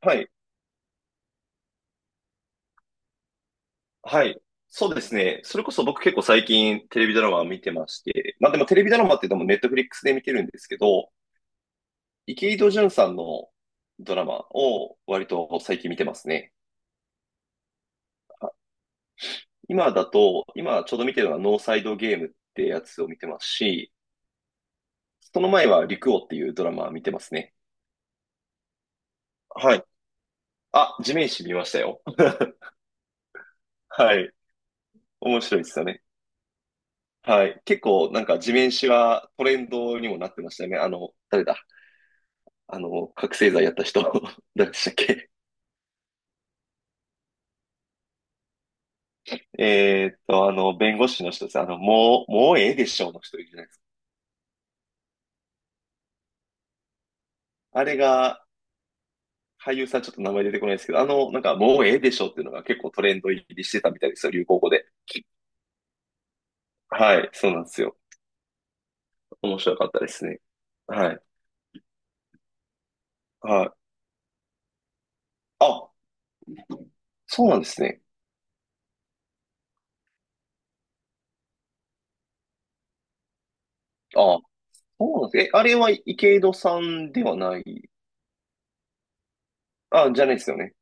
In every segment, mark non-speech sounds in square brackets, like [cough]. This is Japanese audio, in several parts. はい。はい。そうですね。それこそ僕結構最近テレビドラマを見てまして、まあでもテレビドラマってネットフリックスで見てるんですけど、池井戸潤さんのドラマを割と最近見てますね。今だと、今ちょうど見てるのはノーサイドゲームってやつを見てますし、その前は陸王っていうドラマ見てますね。はい。あ、地面師見ましたよ。はい。面白いですよね。はい。結構なんか地面師はトレンドにもなってましたよね。あの、誰だ。あの、覚醒剤やった人、[laughs] 誰でしたっけ。あの、弁護士の人です。あの、もうええでしょうの人いるじゃないですか。あれが、俳優さんちょっと名前出てこないですけど、あの、なんか、もうええでしょうっていうのが結構トレンド入りしてたみたいですよ、流行語で。はい、そうなんですよ。面白かったですね。はい、はい。あ、そうなんですね。あ、そうなんです。え、あれは池井戸さんではない。あ、じゃないですよね。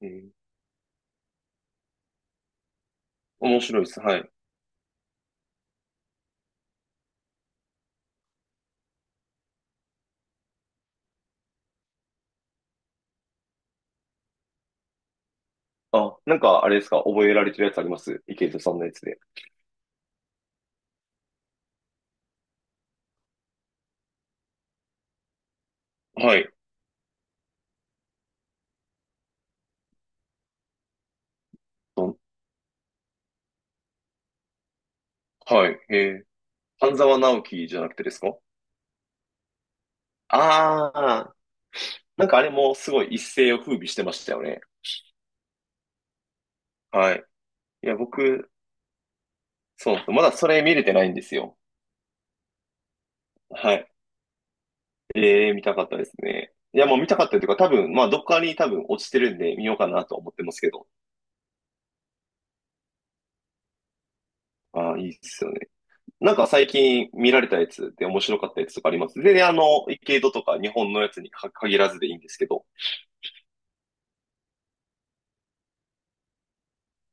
うん、面白いです。はい。あ、なんか、あれですか、覚えられてるやつあります池井戸さんのやつで。はい。と、はい、えー、半沢直樹じゃなくてですか。ああー、なんかあれもすごい一世を風靡してましたよね。はい。いや、僕、そうなんですよまだそれ見れてないんですよ。はい。ええ、見たかったですね。いや、もう見たかったというか、多分、まあ、どっかに多分落ちてるんで見ようかなと思ってますけど。ああ、いいっすよね。なんか最近見られたやつで面白かったやつとかあります。で、あの、池戸とか日本のやつにか限らずでいいんですけど。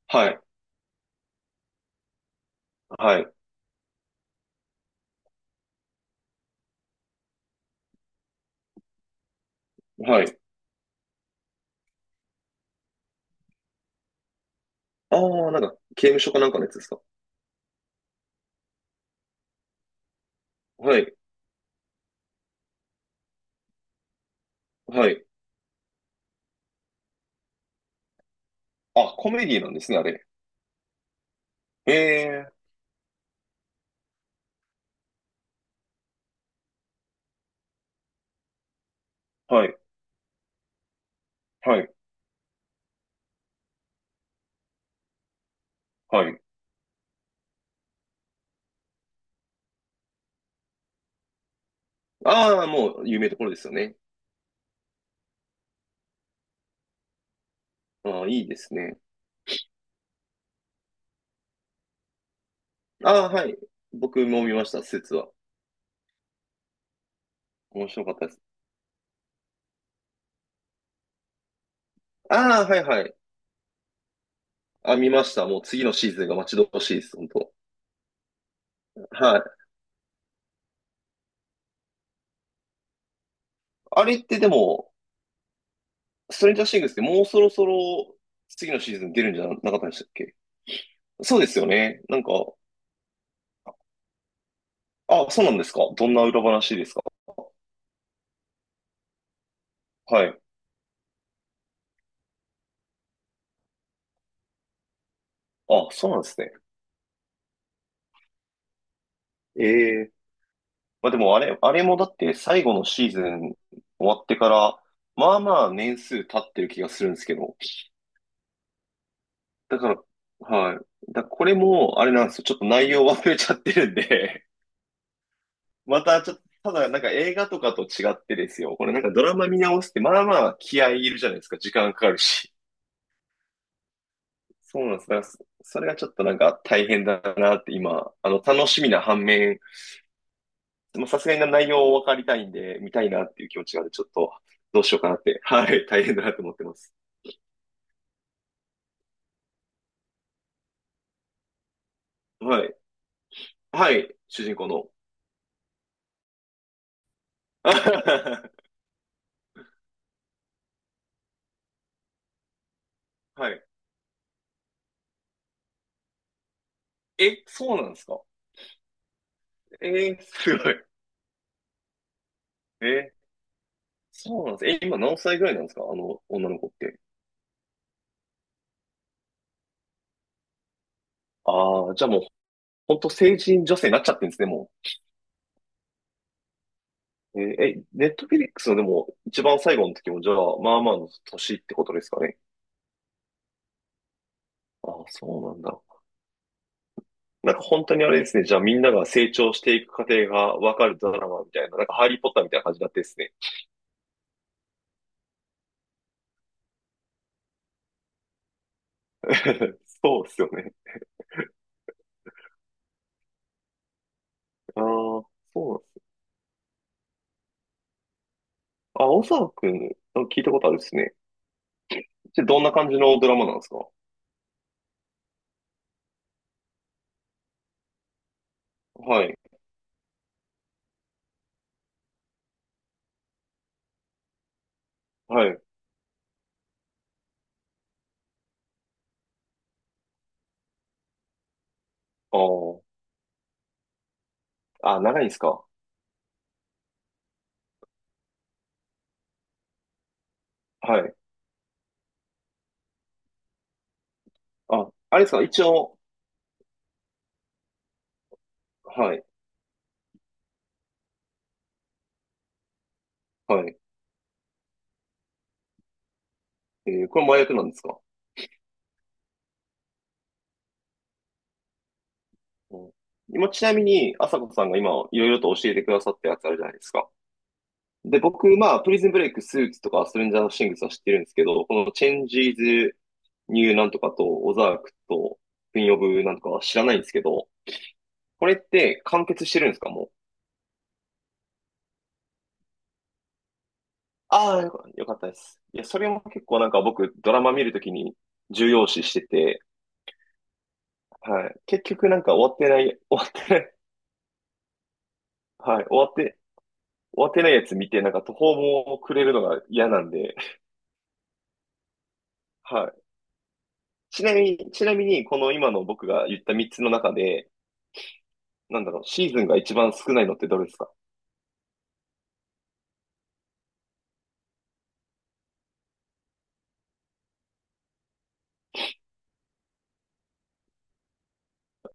はい、はい、はい。ああ、なんか刑務所かなんかのやつですか。はい。はい。あ、コメディなんですね、あれ。ええ、はい、はい、はい。ああ、もう有名どころですよね。ああ、いいですね。ああ、はい。僕も見ました、スーツは。面白かったです。ああ、はい、はい。あ、見ました。もう次のシーズンが待ち遠しいです、本当。はい。あれってでも、ストレンジャーシングスってもうそろそろ次のシーズン出るんじゃなかったでしたっけ。そうですよね。なんか、あ、そうなんですか。どんな裏話ですか。はい。あ、そうなんですね。ええ、まあでもあれ、あれもだって最後のシーズン終わってから、まあまあ年数経ってる気がするんですけど。だから、はい。だからこれも、あれなんですよ。ちょっと内容忘れちゃってるんで。 [laughs] またちょっと、ただなんか映画とかと違ってですよ。これなんかドラマ見直すって、まあまあ気合いいるじゃないですか。時間かかるし。そうなんです。だからそれがちょっとなんか大変だなって今、あの、楽しみな反面、でもさすがに内容を分かりたいんで、見たいなっていう気持ちがあって、ちょっとどうしようかなって、はい、大変だなと思ってます。はい。はい。主人公の。[laughs] はい。え、そうなんですか。えー、すごい。えー、そうなんです。え、今何歳ぐらいなんですかあの、女の子って。ああ、じゃあもう、ほんと成人女性になっちゃってるんですね、もう。えーえ、ネットフィリックスのでも、一番最後の時も、じゃあ、まあまあの年ってことですかね。ああ、そうなんだ。なんか本当にあれですね。じゃあみんなが成長していく過程がわかるドラマみたいな。なんかハリーポッターみたいな感じになってですね。[laughs] そうですよね。ああ、そうなんです。あ、大沢くん、あ聞いたことあるですね。でどんな感じのドラマなんですか。はい、はい。ああ、あ、長いんですか。はい。あ、あれですか一応、はい、はい。えーこれ麻薬なんですか。うん、今、ちなみに、朝子さんが今、いろいろと教えてくださったやつあるじゃないですか。で、僕、まあ、プリズンブレイク、スーツとか、ストレンジャーシングスは知ってるんですけど、このチェンジーズ、ニューなんとかと、オザークと、クイーンオブなんとかは知らないんですけど、これって完結してるんですかもう。ああ、よかったです。いや、それも結構なんか僕、ドラマ見るときに重要視してて、はい。結局なんか終わってない、[laughs] 終わってない、はい。終わって、終わってないやつ見て、なんか途方もくれるのが嫌なんで、はい。ちなみに、この今の僕が言った3つの中で、なんだろう、シーズンが一番少ないのってどれですか。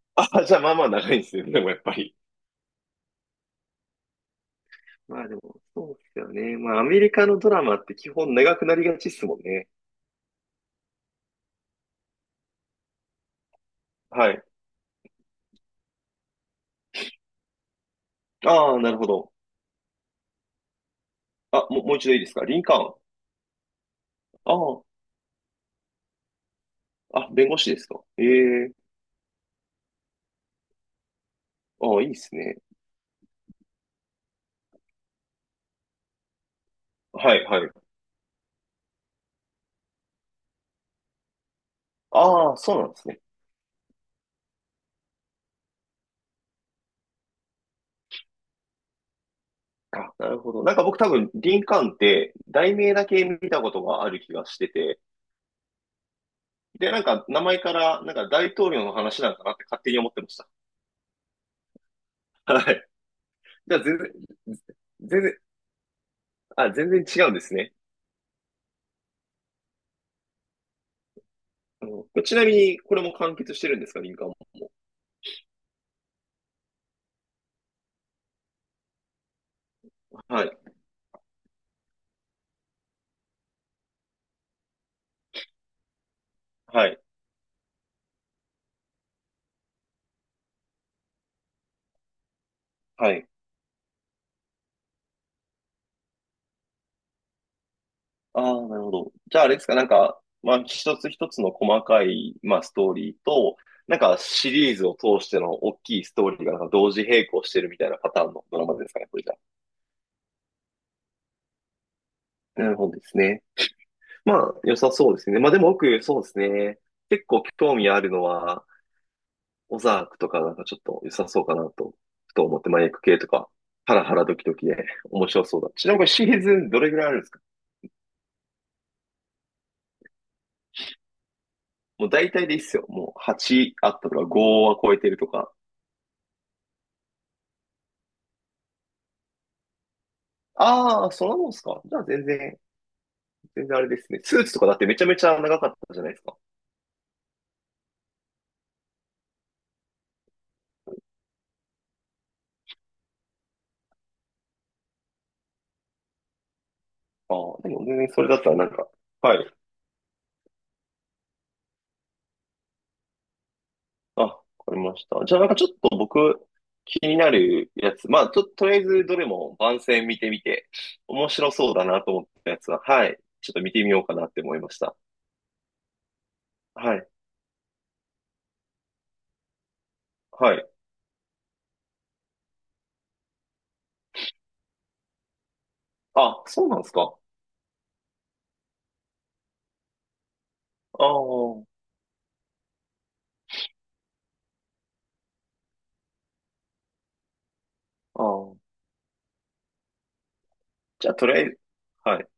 [laughs] あ、じゃあまあまあ長いんですよね、でもやっぱり。[laughs] まあでも、そうですよね。まあアメリカのドラマって基本長くなりがちっすもんね。はい。ああ、なるほど。あ、もう一度いいですかリンカーン。ああ、あ、弁護士ですか。ええ。ああ、いいですね。はい、はい。ああ、そうなんですね。あ、なるほど。なんか僕多分、リンカーンって、題名だけ見たことがある気がしてて、で、なんか、名前から、なんか大統領の話なんかなって勝手に思ってました。[laughs] はい。じゃあ、全然、あ、全然違うんですね。うん、ちなみに、これも完結してるんですか、リンカーンも。はい、はい、はい。ああ、なるほど。じゃあ、あれですか、なんか、まあ、一つ一つの細かい、まあ、ストーリーと、なんか、シリーズを通しての大きいストーリーが、なんか、同時並行してるみたいなパターンのドラマですかね、これじゃあ。なるほどですね。まあ、良さそうですね。まあ、でも僕、そうですね。結構興味あるのは、オザークとか、なんかちょっと良さそうかなと、ふと思って、まあ、ク系とか、ハラハラドキドキで面白そうだ。ちなみにこれシーズンどれぐらいあるんですか。もう大体でいいっすよ。もう8あったとか、5は超えてるとか。ああ、そんなもんすか。じゃあ全然あれですね。スーツとかだってめちゃめちゃ長かったじゃないですか。ああ、でも全然それだったらなんか、はい。あ、わかりました。じゃあなんかちょっと僕、気になるやつ、まあ、とりあえずどれも番宣見てみて、面白そうだなと思ったやつは、はい。ちょっと見てみようかなって思いました。はい。はい。あ、そうなんですか。ああ、ああ。じゃあとりあえず、はい。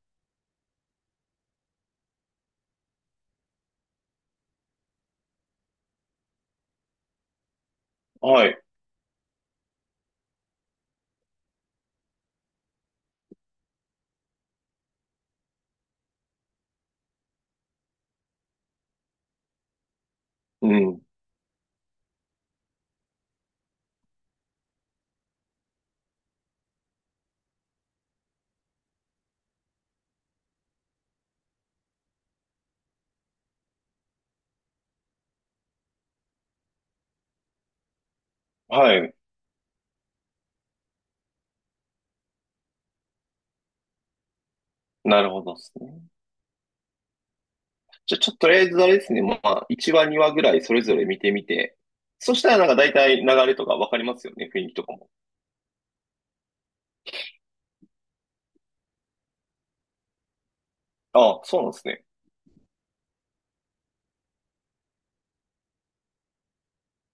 はい。うん。はい。なるほどですね。じゃあ、ちょっととりあえずあれですね、まあ、1話、2話ぐらいそれぞれ見てみて、そしたらなんか大体流れとかわかりますよね、雰囲気とかも。ああ、そうなんですね。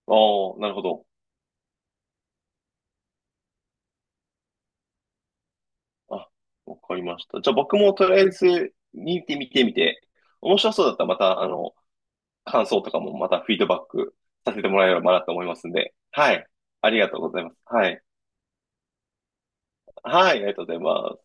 ああ、なるほど。あ、わかりました。じゃあ、僕もとりあえず見てみてみて、面白そうだったらまた、あの、感想とかもまたフィードバックさせてもらえればなと思いますんで、はい。ありがとうございます。はい。はい、ありがとうございます。